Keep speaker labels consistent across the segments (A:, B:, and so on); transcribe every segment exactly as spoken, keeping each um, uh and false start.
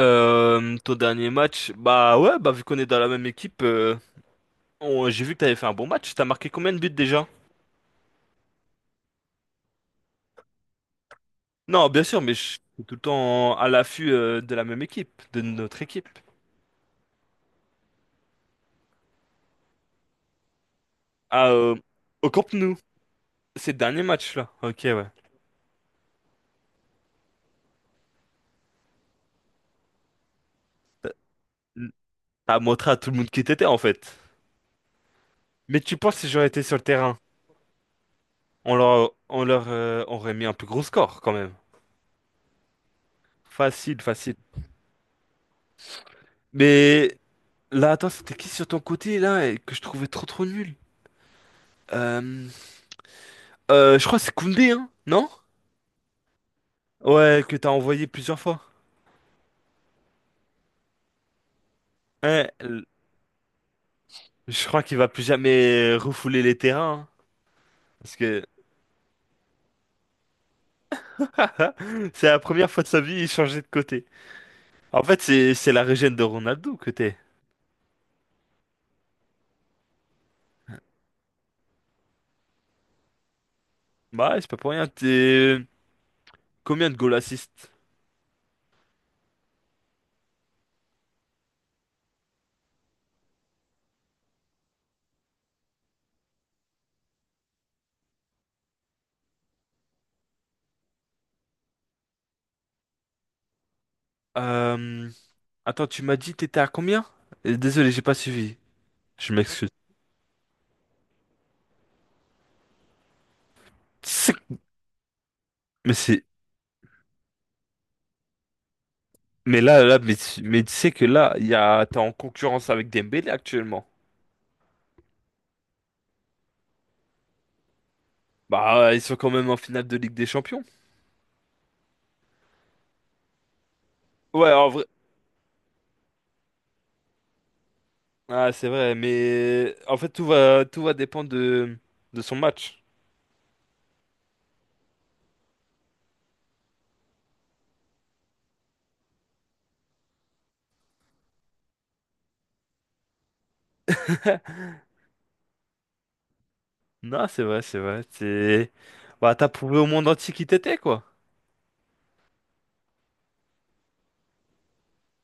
A: Euh, ton dernier match, bah ouais, bah vu qu'on est dans la même équipe, euh, on- j'ai vu que t'avais fait un bon match. T'as marqué combien de buts déjà? Non, bien sûr, mais je suis tout le temps à l'affût euh, de la même équipe, de notre équipe. Ah, euh, Au Camp Nou, ces derniers matchs-là. Ok, ouais. T'as t'as montré à tout le monde qui t'étais en fait. Mais tu penses si j'aurais été sur le terrain, on leur, on leur euh, aurait mis un plus gros score quand même. Facile, facile. Mais là, attends, c'était qui sur ton côté là et que je trouvais trop trop nul? Euh, Euh, je crois que c'est Koundé, hein, non? Ouais, que t'as envoyé plusieurs fois. Ouais, l- je crois qu'il va plus jamais refouler les terrains, hein, parce que c'est la première fois de sa vie, il changeait de côté. En fait, c'est c'est la régène de Ronaldo que t'es. Bah, ouais, c'est pas pour rien. T'es combien de goal assist? Euh... Attends, tu m'as dit t'étais à combien? Euh, Désolé, j'ai pas suivi. Je m'excuse. C'est- Mais c'est mais là là mais tu mais tu sais que là, il y a t'es en concurrence avec Dembélé actuellement. Bah, ils sont quand même en finale de Ligue des Champions. Ouais, en vrai. Ah, c'est vrai, mais en fait, tout va, tout va dépendre de, de son match. Non, c'est vrai, c'est vrai. C'est... Bah, t'as prouvé au monde entier qui t'étais, quoi.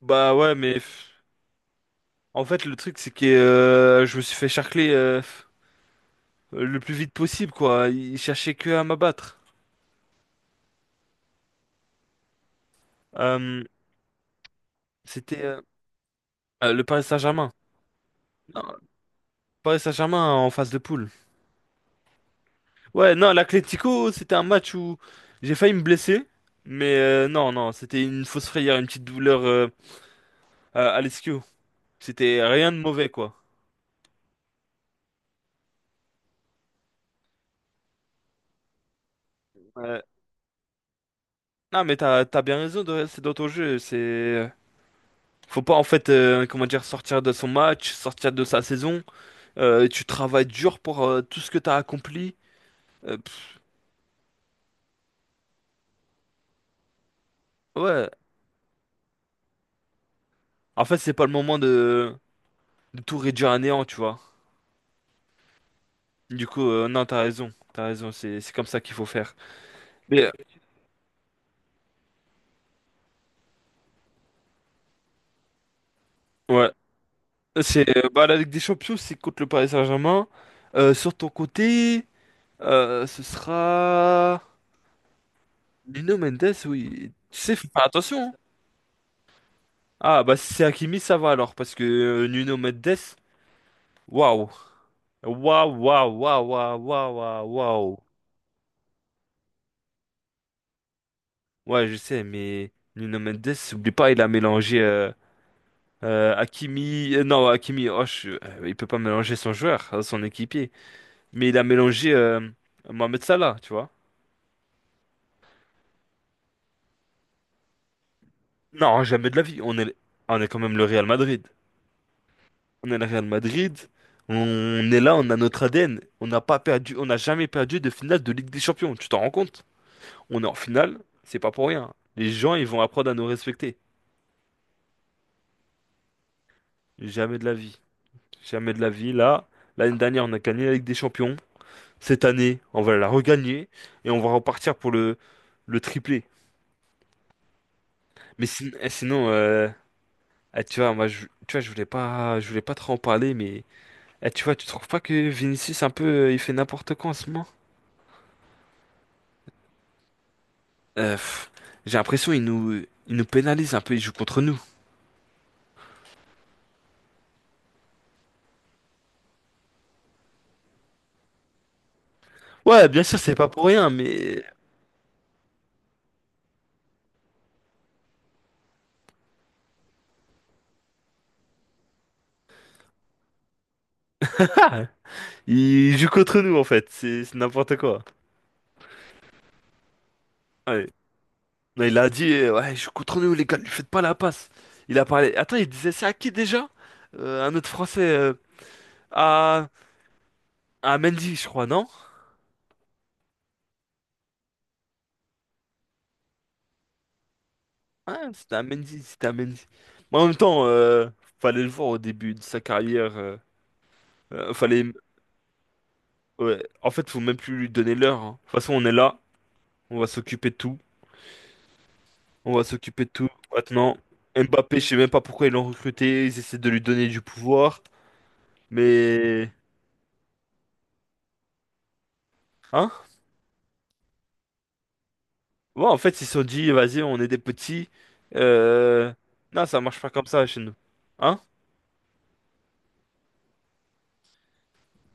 A: Bah ouais, mais pff, en fait, le truc, c'est que euh, je me suis fait charcler euh, pff, le plus vite possible, quoi. Ils cherchaient que à m'abattre. Euh, c'était euh, euh, Le Paris Saint-Germain. Non, Paris Saint-Germain en phase de poule. Ouais, non, l'Atlético, c'était un match où j'ai failli me blesser. Mais euh, non, non, c'était une fausse frayeur, une petite douleur euh, euh, Alessio. C'était rien de mauvais, quoi. Ouais. Non, mais t'as, t'as bien raison, de- c'est d'autres jeux. C'est... Faut pas, en fait, euh, comment dire, sortir de son match, sortir de sa saison. Euh, tu travailles dur pour euh, tout ce que t'as accompli. Euh, pff, ouais. En fait, c'est pas le moment de, de tout réduire à néant, tu vois. Du coup, euh, non, t'as raison. T'as raison, c'est, c'est comme ça qu'il faut faire. Mais, euh, ouais. C'est, euh, bah, la Ligue des Champions, c'est contre le Paris Saint-Germain. Euh, sur ton côté, euh, ce sera... Nuno Mendes, oui. Tu sais, faut faire attention, hein. Ah, bah si c'est Hakimi, ça va alors, parce que euh, Nuno Mendes, waouh. Waouh, waouh, waouh, waouh, waouh, waouh, waouh. Ouais, je sais, mais Nuno Mendes, oublie pas, il a mélangé euh, euh, Hakimi. Euh, non, Hakimi, oh, je- euh, il peut pas mélanger son joueur, euh, son équipier. Mais il a mélangé euh, Mohamed Salah, tu vois. Non, jamais de la vie. On est, on est quand même le Real Madrid. On est le Real Madrid, on est là, on a notre A D N, on n'a pas perdu, on n'a jamais perdu de finale de Ligue des Champions, tu t'en rends compte? On est en finale, c'est pas pour rien. Les gens, ils vont apprendre à nous respecter. Jamais de la vie. Jamais de la vie. Là, l'année dernière, on a gagné la Ligue des Champions. Cette année, on va la regagner et on va repartir pour le, le triplé. Mais sin- eh, sinon, euh, eh, tu vois, moi, je, tu vois, je voulais pas, je voulais pas trop en parler, mais eh, tu vois, tu trouves pas que Vinicius un peu, euh, il fait n'importe quoi en ce moment? Euh, pff, j'ai l'impression qu'ils nous, ils nous pénalisent un peu, ils jouent contre nous. Ouais, bien sûr, c'est pas pour rien, mais... Ah, ils jouent contre nous, en fait, c'est c'est n'importe quoi. Ouais. Non, il a dit, euh, ouais, ils jouent contre nous, les gars, ne lui faites pas la passe. Il a parlé... Attends, il disait ça à qui, déjà? Euh, un autre Français, euh, à... à Mendy, je crois, non? Ouais, c'était à Mendy, c'était à Mendy. Mais en même temps, euh, fallait le voir au début de sa carrière, euh, euh, fallait... ouais. En fait, faut même plus lui donner l'heure, hein. De toute façon, on est là, on va s'occuper de tout. On va s'occuper de tout. Maintenant, Mbappé, je sais même pas pourquoi ils l'ont recruté. Ils essaient de lui donner du pouvoir. Mais... Hein? Ouais, en fait, ils se sont dit, vas-y, on est des petits. Euh... Non, ça marche pas comme ça chez nous. Hein?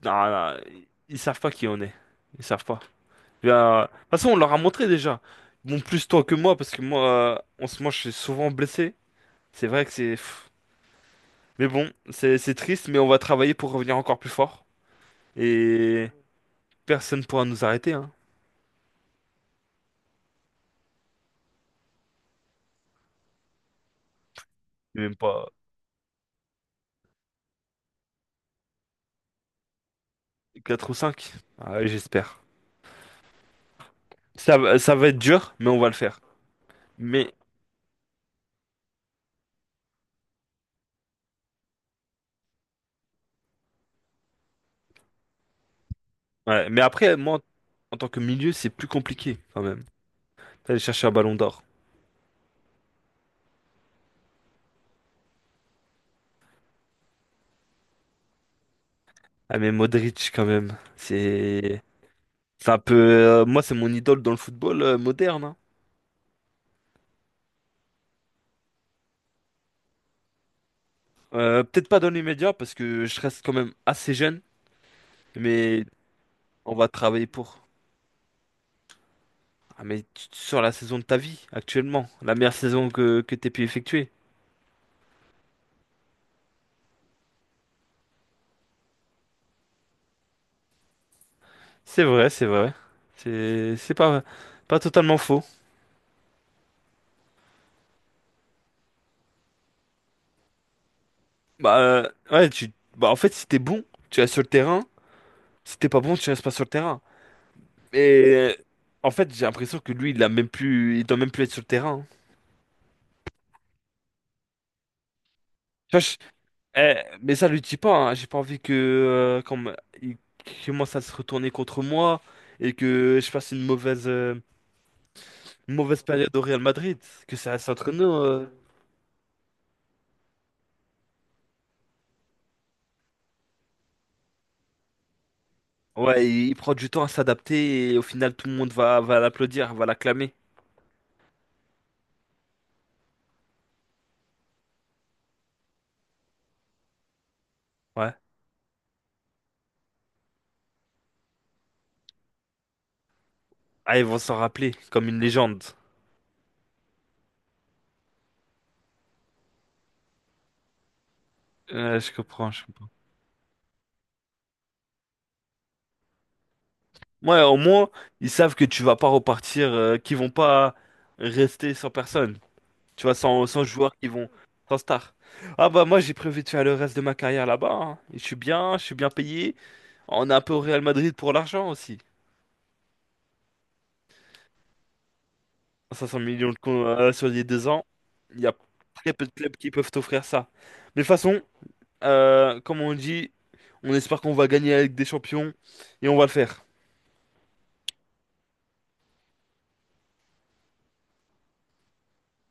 A: Non, non, ils savent pas qui on est. Ils savent pas. Bien, euh, de toute façon, on leur a montré déjà. Bon, plus toi que moi, parce que moi, euh, en ce moment, je suis souvent blessé. C'est vrai que c'est... pff. Mais bon, c'est c'est triste, mais on va travailler pour revenir encore plus fort. Et personne pourra nous arrêter, hein. Même pas... quatre ou cinq? J'espère. Ça, va- ça va être dur, mais on va le faire. Mais, ouais. Mais après, moi, en tant que milieu, c'est plus compliqué quand même. Aller chercher un ballon d'or. Ah, mais Modric, quand même. C'est. C'est un peu, euh, moi, c'est mon idole dans le football euh, moderne, hein. Euh, peut-être pas dans les médias parce que je reste quand même assez jeune, mais on va travailler pour. Ah, mais tu- tu- sur la saison de ta vie, actuellement, la meilleure saison que, que t'aies pu effectuer. C'est vrai, c'est vrai. C'est c'est pas, pas totalement faux. Bah, euh, ouais, tu... bah, en fait, si t'es bon, tu restes sur le terrain. Si t'es pas bon, tu restes pas sur le terrain. Mais en fait, j'ai l'impression que lui, il a même plus... il doit même plus être sur le terrain, hein. Tu vois, je- eh, mais ça lui dit pas, hein. J'ai pas envie que euh, quand me- il commence à se retourner contre moi et que je fasse une mauvaise, euh, une mauvaise période au Real Madrid. Que ça reste entre nous. Euh. Ouais, il, il prend du temps à s'adapter et au final, tout le monde va, va l'applaudir, va l'acclamer. Ouais. Ah, ils vont s'en rappeler comme une légende. Euh, je comprends, je comprends. Ouais, au moins, ils savent que tu vas pas repartir, euh, qu'ils vont pas rester sans personne. Tu vois, sans, sans joueurs qui vont, sans star. Ah bah moi, j'ai prévu de faire le reste de ma carrière là-bas, hein. Et je suis bien, je suis bien payé. On est un peu au Real Madrid pour l'argent aussi. cinq cents millions de con- euh, sur les deux ans. Il y a très peu de clubs qui peuvent t'offrir ça. Mais de toute façon, euh, comme on dit, on espère qu'on va gagner avec des champions et on va le faire.